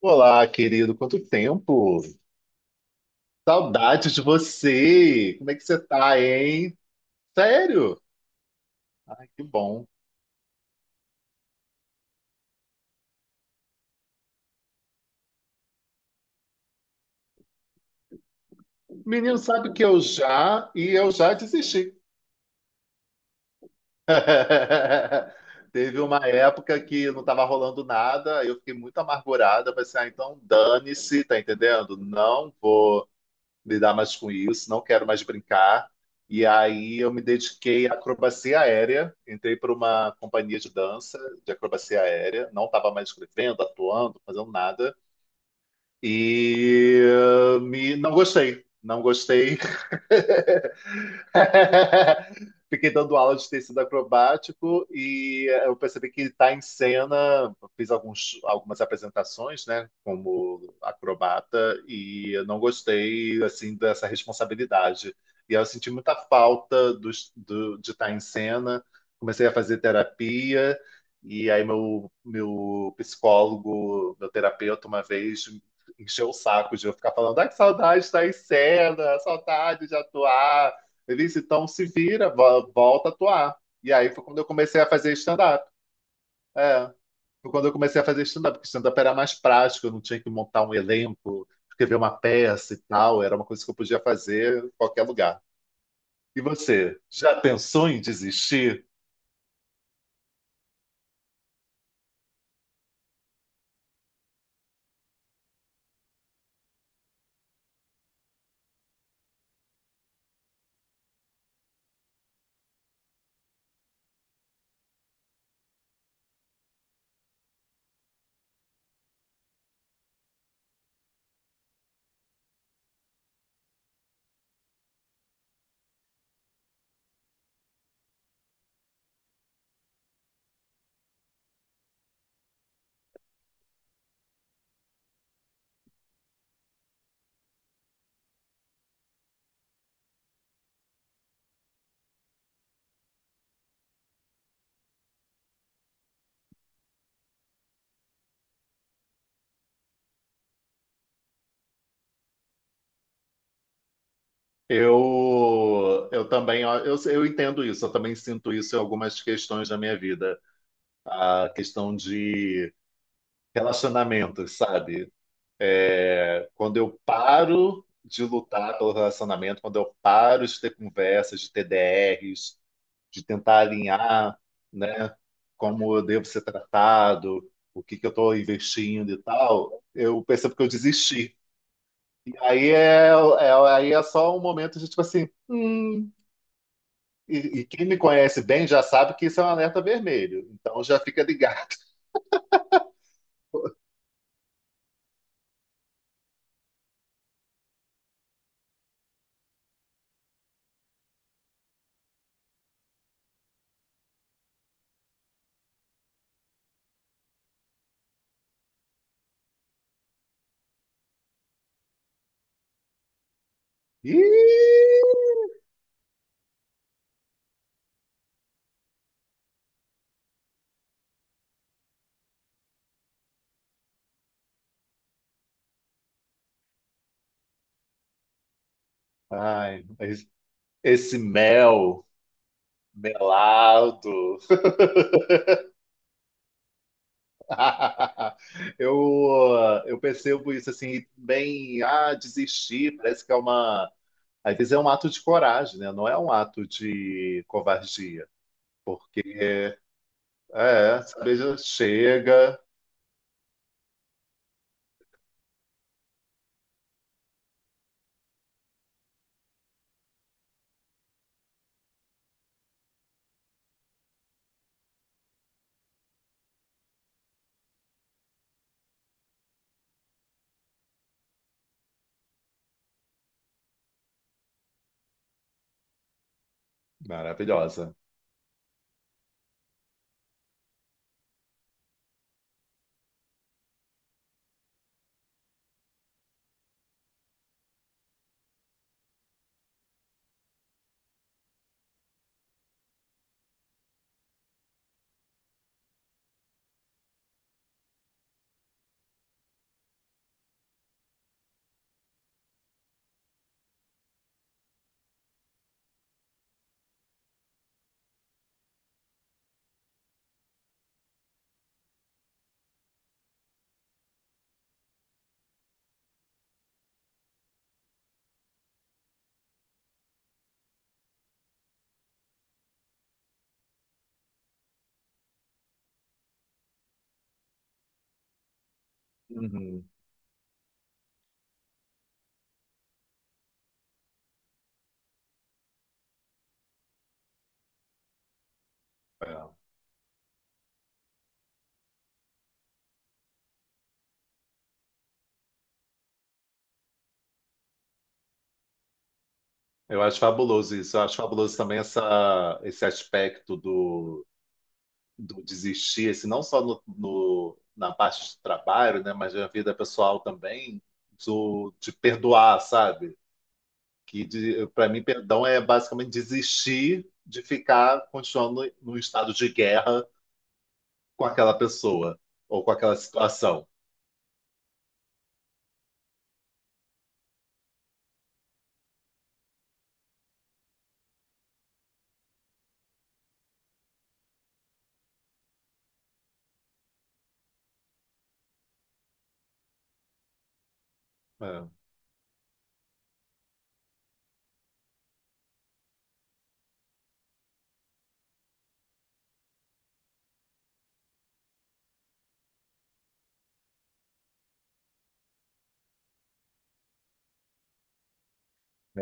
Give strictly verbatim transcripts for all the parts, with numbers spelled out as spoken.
Olá, querido, quanto tempo! Saudades de você! Como é que você tá, hein? Sério? Que bom. Menino, sabe que eu já e eu já desisti. Teve uma época que não estava rolando nada, eu fiquei muito amargurada, pensei, ah, então dane-se, tá entendendo? Não vou. Lidar mais com isso, não quero mais brincar. E aí eu me dediquei à acrobacia aérea, entrei para uma companhia de dança de acrobacia aérea, não estava mais escrevendo, atuando, fazendo nada, e eh, me, não gostei, não gostei. Fiquei dando aula de tecido acrobático e eu percebi que está em cena. Fiz alguns, algumas apresentações, né, como acrobata, e eu não gostei assim dessa responsabilidade. E eu senti muita falta dos- do- de estar em cena. Comecei a fazer terapia, e aí meu, meu psicólogo, meu terapeuta, uma vez encheu o saco de eu ficar falando, ai, que saudade de estar em cena, saudade de atuar. Ele disse, então se vira, vo- volta a atuar. E aí foi quando eu comecei a fazer stand-up. É, foi quando eu comecei a fazer stand-up, porque stand-up era mais prático, eu não tinha que montar um elenco, escrever uma peça e tal, era uma coisa que eu podia fazer em qualquer lugar. E você, já pensou em desistir? Eu, eu também, ó, eu, eu entendo isso, eu também sinto isso em algumas questões da minha vida. A questão de relacionamentos, sabe? Quando eu paro de lutar pelo relacionamento, quando eu paro de ter conversas, de ter D Rs, de tentar alinhar, né, como eu devo ser tratado, o que que eu estou investindo e tal, eu percebo que eu desisti. E aí é, é- aí é só um momento de tipo assim, hum. E, e quem me conhece bem já sabe que isso é um alerta vermelho, então já fica ligado. Ih, ai, mas esse mel melado. Eu, eu percebo isso assim, bem, ah, desistir, parece que é uma. Às vezes é um ato de coragem, né? Não é um ato de covardia. Porque é, sabe, já chega. Maravilhosa. Uhum, é. Eu acho fabuloso isso. Eu acho fabuloso também essa, esse aspecto do, do desistir, esse, não só no, no- na parte de trabalho, né? Mas na vida pessoal também, do, de perdoar, sabe? Que para mim perdão é basicamente desistir de ficar continuando num estado de guerra com aquela pessoa ou com aquela situação. É, é.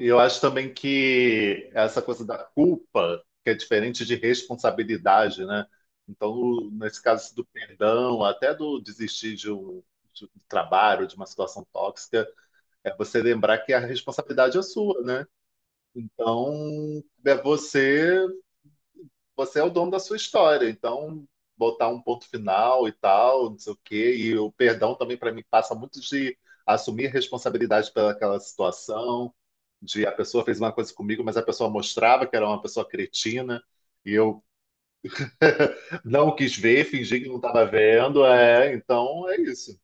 E eu acho também que essa coisa da culpa, que é diferente de responsabilidade, né? Então, o- nesse caso do perdão, até do desistir de um, de um trabalho, de uma situação tóxica, é você lembrar que a responsabilidade é sua, né? Então, é você você é o dono da sua história, então botar um ponto final e tal, não sei o quê, e o perdão também para mim passa muito de assumir responsabilidade pelaquela situação, de a pessoa fez uma coisa comigo, mas a pessoa mostrava que era uma pessoa cretina e eu não quis ver, fingi que não estava vendo, é, então é isso.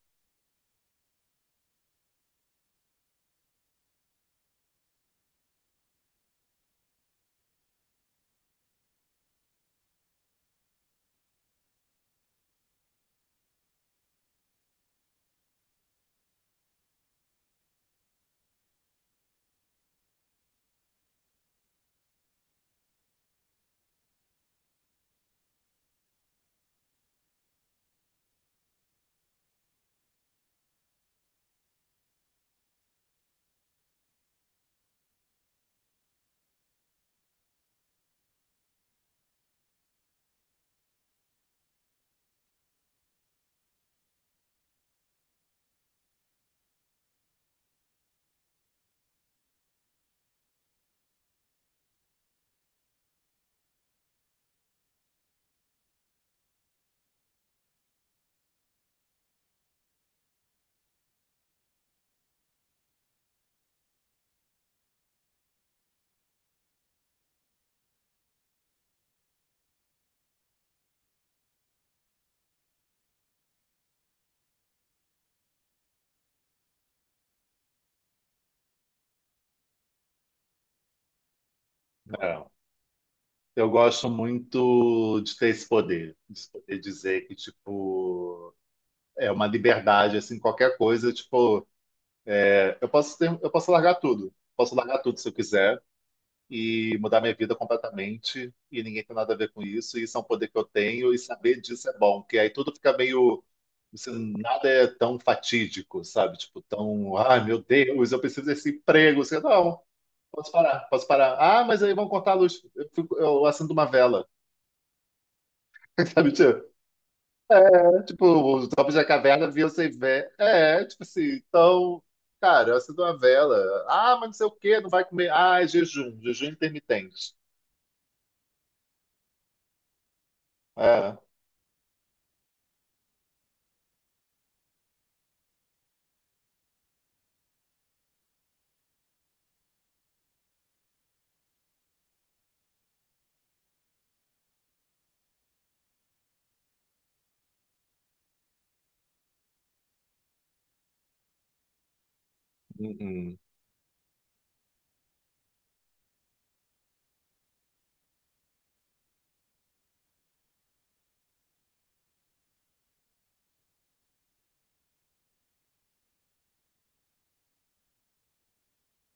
É. Eu gosto muito de ter esse poder, de poder dizer que, tipo, é uma liberdade, assim, qualquer coisa, tipo, é, eu posso ter, eu posso largar tudo. Posso largar tudo se eu quiser e mudar minha vida completamente e ninguém tem nada a ver com isso. E isso é um poder que eu tenho e saber disso é bom, porque aí tudo fica meio assim, nada é tão fatídico, sabe? Tipo, tão, ai meu Deus, eu preciso desse emprego. Você, não, posso parar, posso parar. Ah, mas aí vão cortar a luz. Eu, fico, eu acendo uma vela, sabe? Tipo, é, tipo, os Homens da Caverna viam sem vela. É, tipo assim, então, cara, eu acendo uma vela. Ah, mas não sei o quê, não vai comer. Ah, é jejum, jejum intermitente. É, uhum,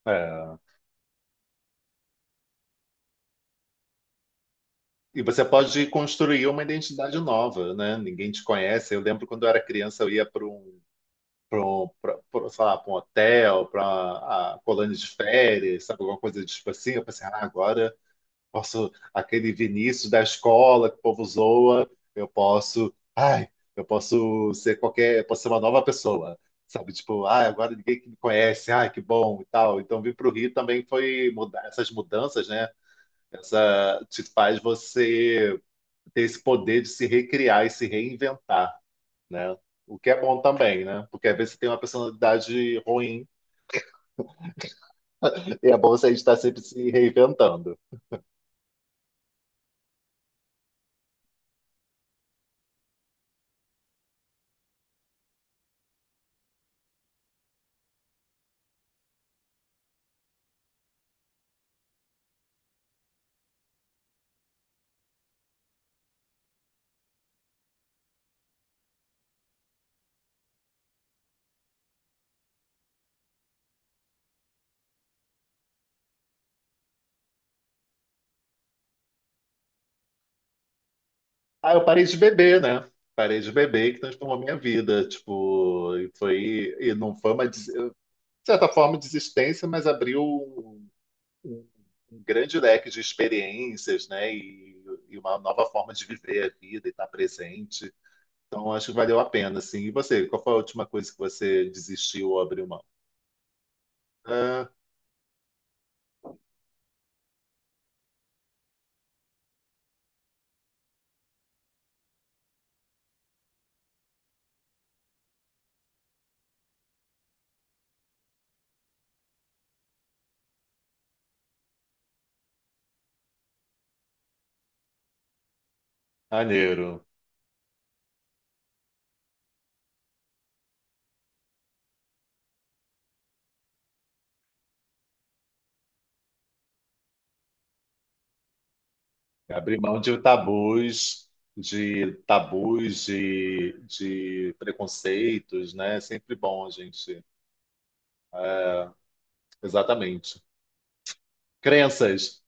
é. E você pode construir uma identidade nova, né? Ninguém te conhece. Eu lembro quando eu era criança, eu ia para um, para um, pra, pra, sei lá, para um hotel, para a colônia de férias, sabe, alguma coisa tipo assim. Eu pensei, ah, agora. Posso, aquele Vinícius da escola que o povo zoa, eu posso, ai, eu posso ser qualquer, eu posso ser uma nova pessoa, sabe? Tipo, ai, agora ninguém que me conhece, ai, que bom e tal. Então, vir para o Rio também foi mudar essas mudanças, né? Essa te faz você ter esse poder de se recriar e se reinventar, né? O que é bom também, né? Porque às vezes você tem uma personalidade ruim e é bom você estar sempre se reinventando. Ah, eu parei de beber, né? Parei de beber que transformou minha vida. Tipo, e foi, e não foi uma, des- de certa forma, desistência, mas abriu um, um- um grande leque de experiências, né? E, e uma nova forma de viver a vida e estar presente. Então, acho que valeu a pena, assim. E você, qual foi a última coisa que você desistiu ou abriu mão? Ah, maneiro. Abrir mão de tabus, de tabus, de, de preconceitos, né? É sempre bom gente. É, exatamente. Crenças.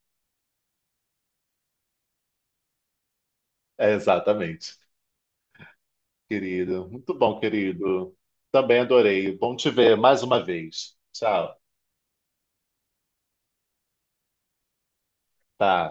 É, exatamente. Querido. Muito bom, querido. Também adorei. Bom te ver mais uma vez. Tchau. Tá.